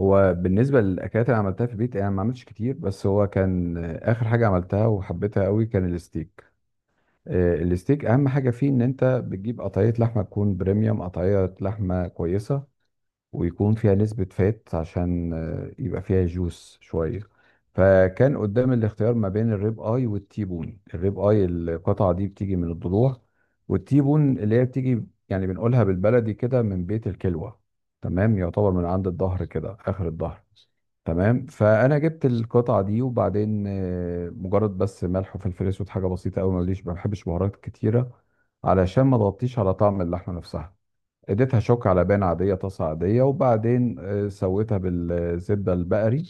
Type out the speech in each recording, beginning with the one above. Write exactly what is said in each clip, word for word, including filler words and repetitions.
هو بالنسبة للأكلات اللي عملتها في البيت، أنا ما عملتش كتير. بس هو كان آه، آخر حاجة عملتها وحبيتها قوي كان الستيك. آه، الستيك أهم حاجة فيه إن أنت بتجيب قطعية لحمة تكون بريميوم، قطعية لحمة كويسة ويكون فيها نسبة فات عشان آه، يبقى فيها جوس شوية. فكان قدام الاختيار ما بين الريب اي والتيبون. الريب اي القطعة دي بتيجي من الضلوع، والتيبون اللي هي بتيجي يعني بنقولها بالبلدي كده من بيت الكلوة. تمام، يعتبر من عند الظهر كده، آخر الظهر. تمام. فأنا جبت القطعة دي وبعدين آه، مجرد بس ملح وفلفل أسود، حاجة بسيطة أوي. مليش، ما بحبش بهارات كتيرة علشان ما تغطيش على طعم اللحمة نفسها. اديتها شوك على بان عاديه، طاسه عاديه، وبعدين آه، سويتها بالزبده البقري.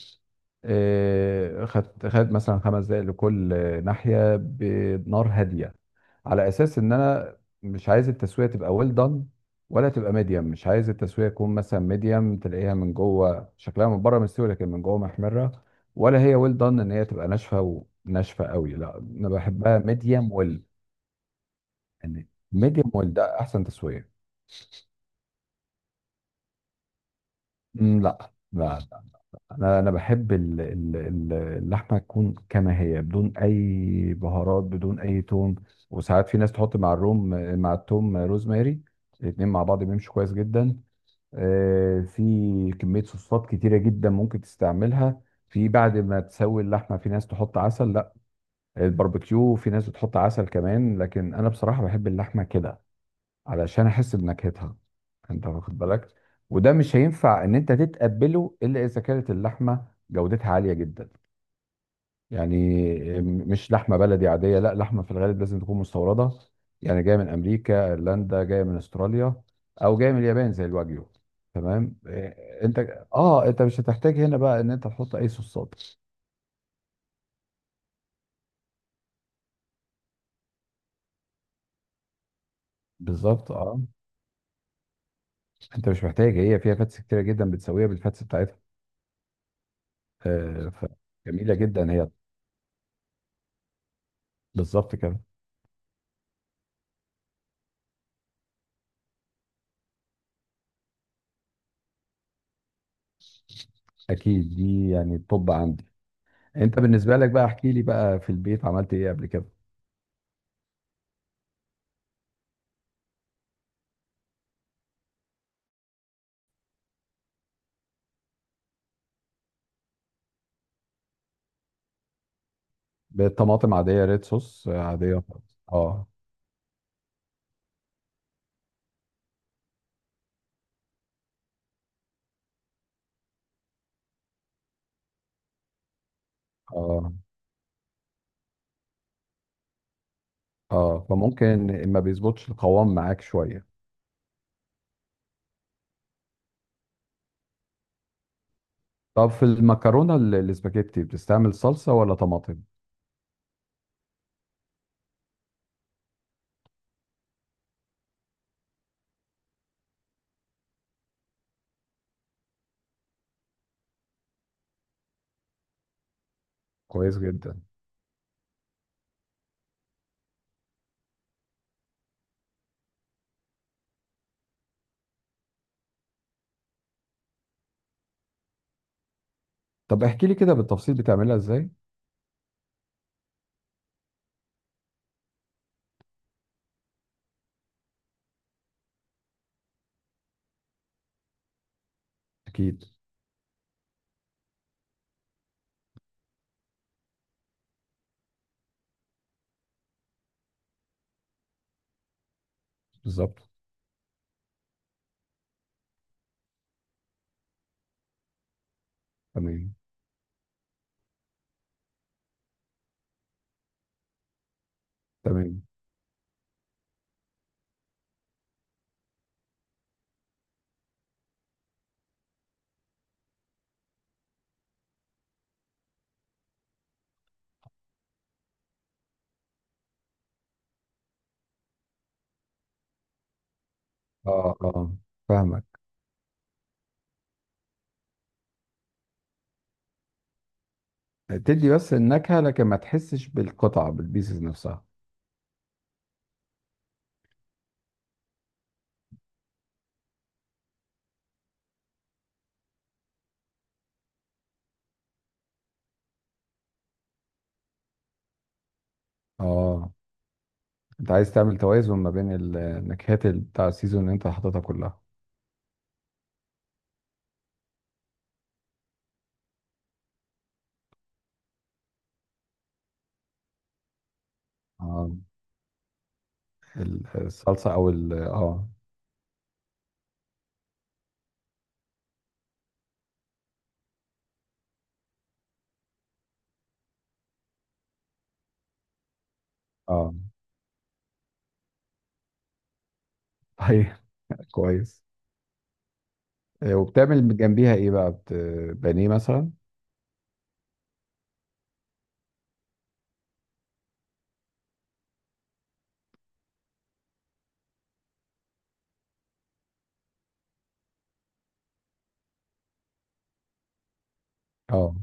آه، خدت خدت مثلا خمس دقائق لكل آه، ناحيه، بنار هاديه، على اساس ان انا مش عايز التسويه تبقى ويل دان ولا تبقى ميديم. مش عايز التسويه تكون مثلا ميديم، تلاقيها من جوه شكلها من بره مستوي لكن من جوه محمره. ولا هي ويل دان ان هي تبقى ناشفه وناشفه قوي. لا، انا بحبها ميديم ويل. يعني ميديم ويل ده احسن تسويه. مم، لا، لا. انا انا بحب ال- ال- ال- اللحمه تكون كما هي بدون اي بهارات بدون اي توم. وساعات في ناس تحط مع الروم، مع التوم روزماري. الاتنين مع بعض بيمشوا كويس جدا. آه، في كميه صوصات كتيره جدا ممكن تستعملها في بعد ما تسوي اللحمه. في ناس تحط عسل، لا. الباربيكيو في ناس بتحط عسل كمان، لكن انا بصراحه بحب اللحمه كده علشان احس بنكهتها. انت واخد بالك. وده مش هينفع ان انت تتقبله الا اذا كانت اللحمه جودتها عاليه جدا. يعني م- مش لحمه بلدي عاديه، لا، لحمه في الغالب لازم تكون مستورده، يعني جايه من امريكا، ايرلندا، جايه من استراليا، او جايه من اليابان زي الواجيو. تمام، إيه، انت. اه، انت مش هتحتاج هنا بقى ان انت تحط اي صوصات. بالظبط، اه. انت مش محتاج، هي فيها فاتس كتيره جدا، بتسويها بالفاتس بتاعتها. آه فجميله جدا هي. بالظبط كده. اكيد دي يعني الطب عندي. انت بالنسبه لك بقى احكي لي بقى، في البيت عملت ايه قبل كده؟ بالطماطم عاديه، ريد صوص، آه، عاديه خالص، اه. اه، اه، فممكن ما بيظبطش القوام معاك شويه. طب في المكرونه، ال- الاسباجيتي، بتستعمل صلصه ولا طماطم؟ كويس جدا. طب احكي لي كده بالتفصيل بتعملها ازاي. اكيد. بالظبط. تمام. تمام. اه، اه، فاهمك. تدي بس النكهه لكن ما تحسش بالقطعه بالبيسز نفسها. اه، انت عايز تعمل توازن ما بين ال- النكهات، ال- بتاع السيزون اللي انت حاططها كلها. اه، ال- الصلصه او ال اه اه. طيب. كويس. آه، وبتعمل جنبيها ايه بقى، بت... بانيه مثلا؟ اه،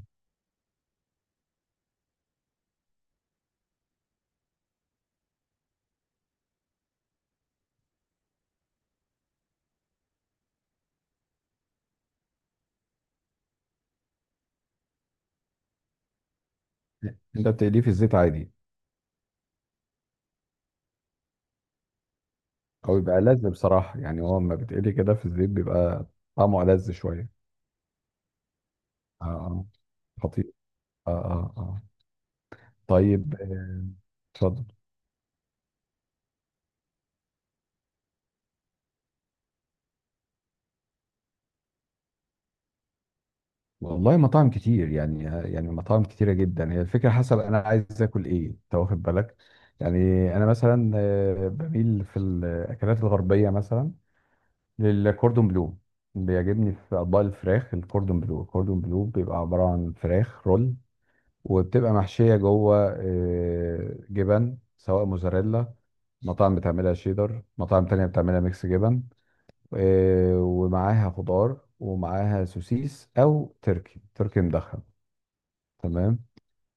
انت بتقليه في الزيت عادي، او يبقى لذ؟ بصراحه يعني هو لما بتقلي كده في الزيت بيبقى طعمه لذ شويه. اه، اه، خطير. اه، اه، اه. طيب، آه، اتفضل. والله مطاعم كتير، يعني يعني مطاعم كتيرة جدا، هي الفكرة حسب أنا عايز آكل إيه. أنت واخد بالك، يعني. أنا مثلا آه، بميل في الأكلات الغربية، مثلا للكوردون بلو. بيعجبني في أطباق الفراخ الكوردون بلو. الكوردون بلو بيبقى عبارة عن فراخ رول، وبتبقى محشية جوه آه، جبن، سواء موزاريلا، مطاعم بتعملها شيدر، مطاعم تانية بتعملها ميكس جبن. آه، ومعاها خضار ومعاها سوسيس أو تركي، تركي مدخن. تمام.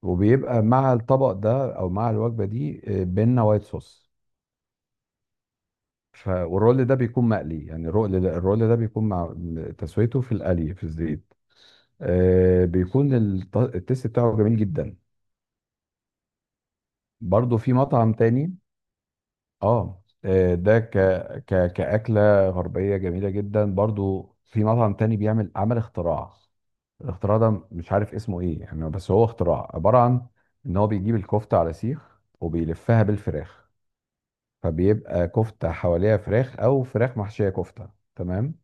وبيبقى مع الطبق ده او مع الوجبه دي آه، بينا وايت صوص. ف والرول ده بيكون مقلي، يعني الرول الرول ده بيكون مع تسويته في القلي في الزيت. آه بيكون الت- التيست بتاعه جميل جدا. برضو في مطعم تاني. اه، آه، ده ك ك كأكلة غربية جميلة جدا. برضو في مطعم تاني بيعمل عمل اختراع. الاختراع ده مش عارف اسمه ايه يعني، بس هو اختراع عبارة عن ان هو بيجيب الكفتة على سيخ وبيلفها بالفراخ. فبيبقى كفتة حواليها فراخ، أو فراخ محشية كفتة. تمام.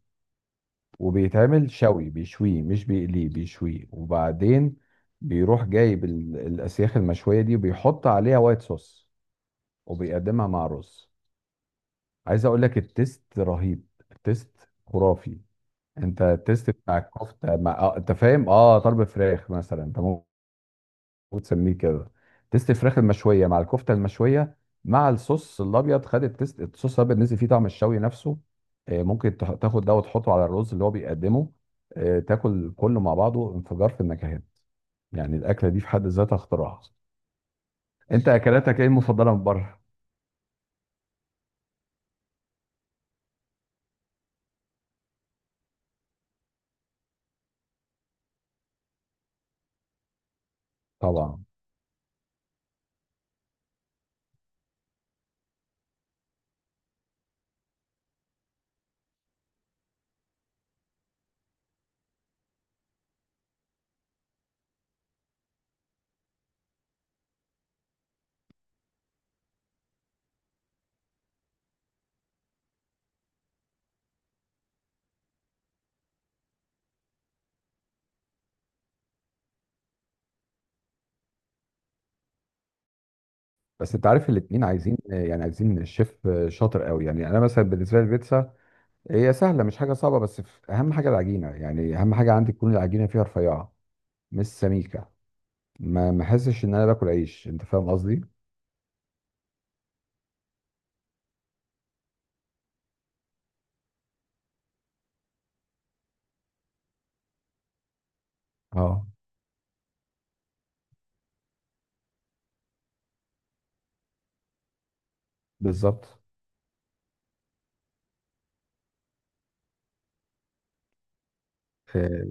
وبيتعمل شوي، بيشويه مش بيقليه، بيشويه وبعدين بيروح جايب ال- الأسياخ المشوية دي وبيحط عليها وايت صوص وبيقدمها مع رز. عايز أقول لك، التيست رهيب، التيست خرافي. أنت التيست بتاع الكفتة مع آه أنت فاهم، أه، طلب فراخ مثلا أنت، وتسميه كده تيست الفراخ المشويه مع الكفته المشويه مع الصوص الابيض. خد التيست، الصوص الابيض نزل فيه طعم الشوي نفسه. آه، ممكن تح- تاخد ده وتحطه على الرز اللي هو بيقدمه، آه، تاكل كله مع بعضه انفجار في النكهات. يعني الاكله دي في حد ذاتها اختراع. انت اكلاتك ايه المفضله من بره؟ طبعا. بس انت عارف الاتنين عايزين، يعني عايزين الشيف شاطر قوي. يعني انا مثلا بالنسبه لي البيتزا هي سهله، مش حاجه صعبه، بس في- اهم حاجه العجينه، يعني اهم حاجه عندي تكون العجينه فيها رفيعه مش سميكه، ما ما احسش ان انا باكل عيش، انت فاهم قصدي. اه، بالظبط، اه.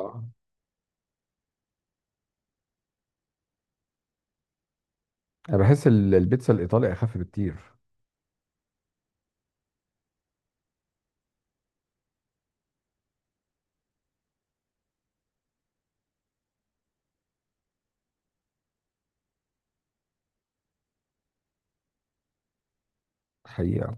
آه. انا بحس ال- البيتزا الايطالي اخف بكتير. حقيقة.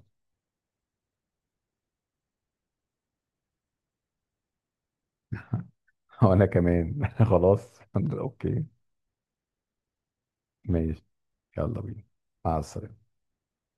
وانا كمان خلاص اوكي. ماشي. يلا بينا. مع السلامه.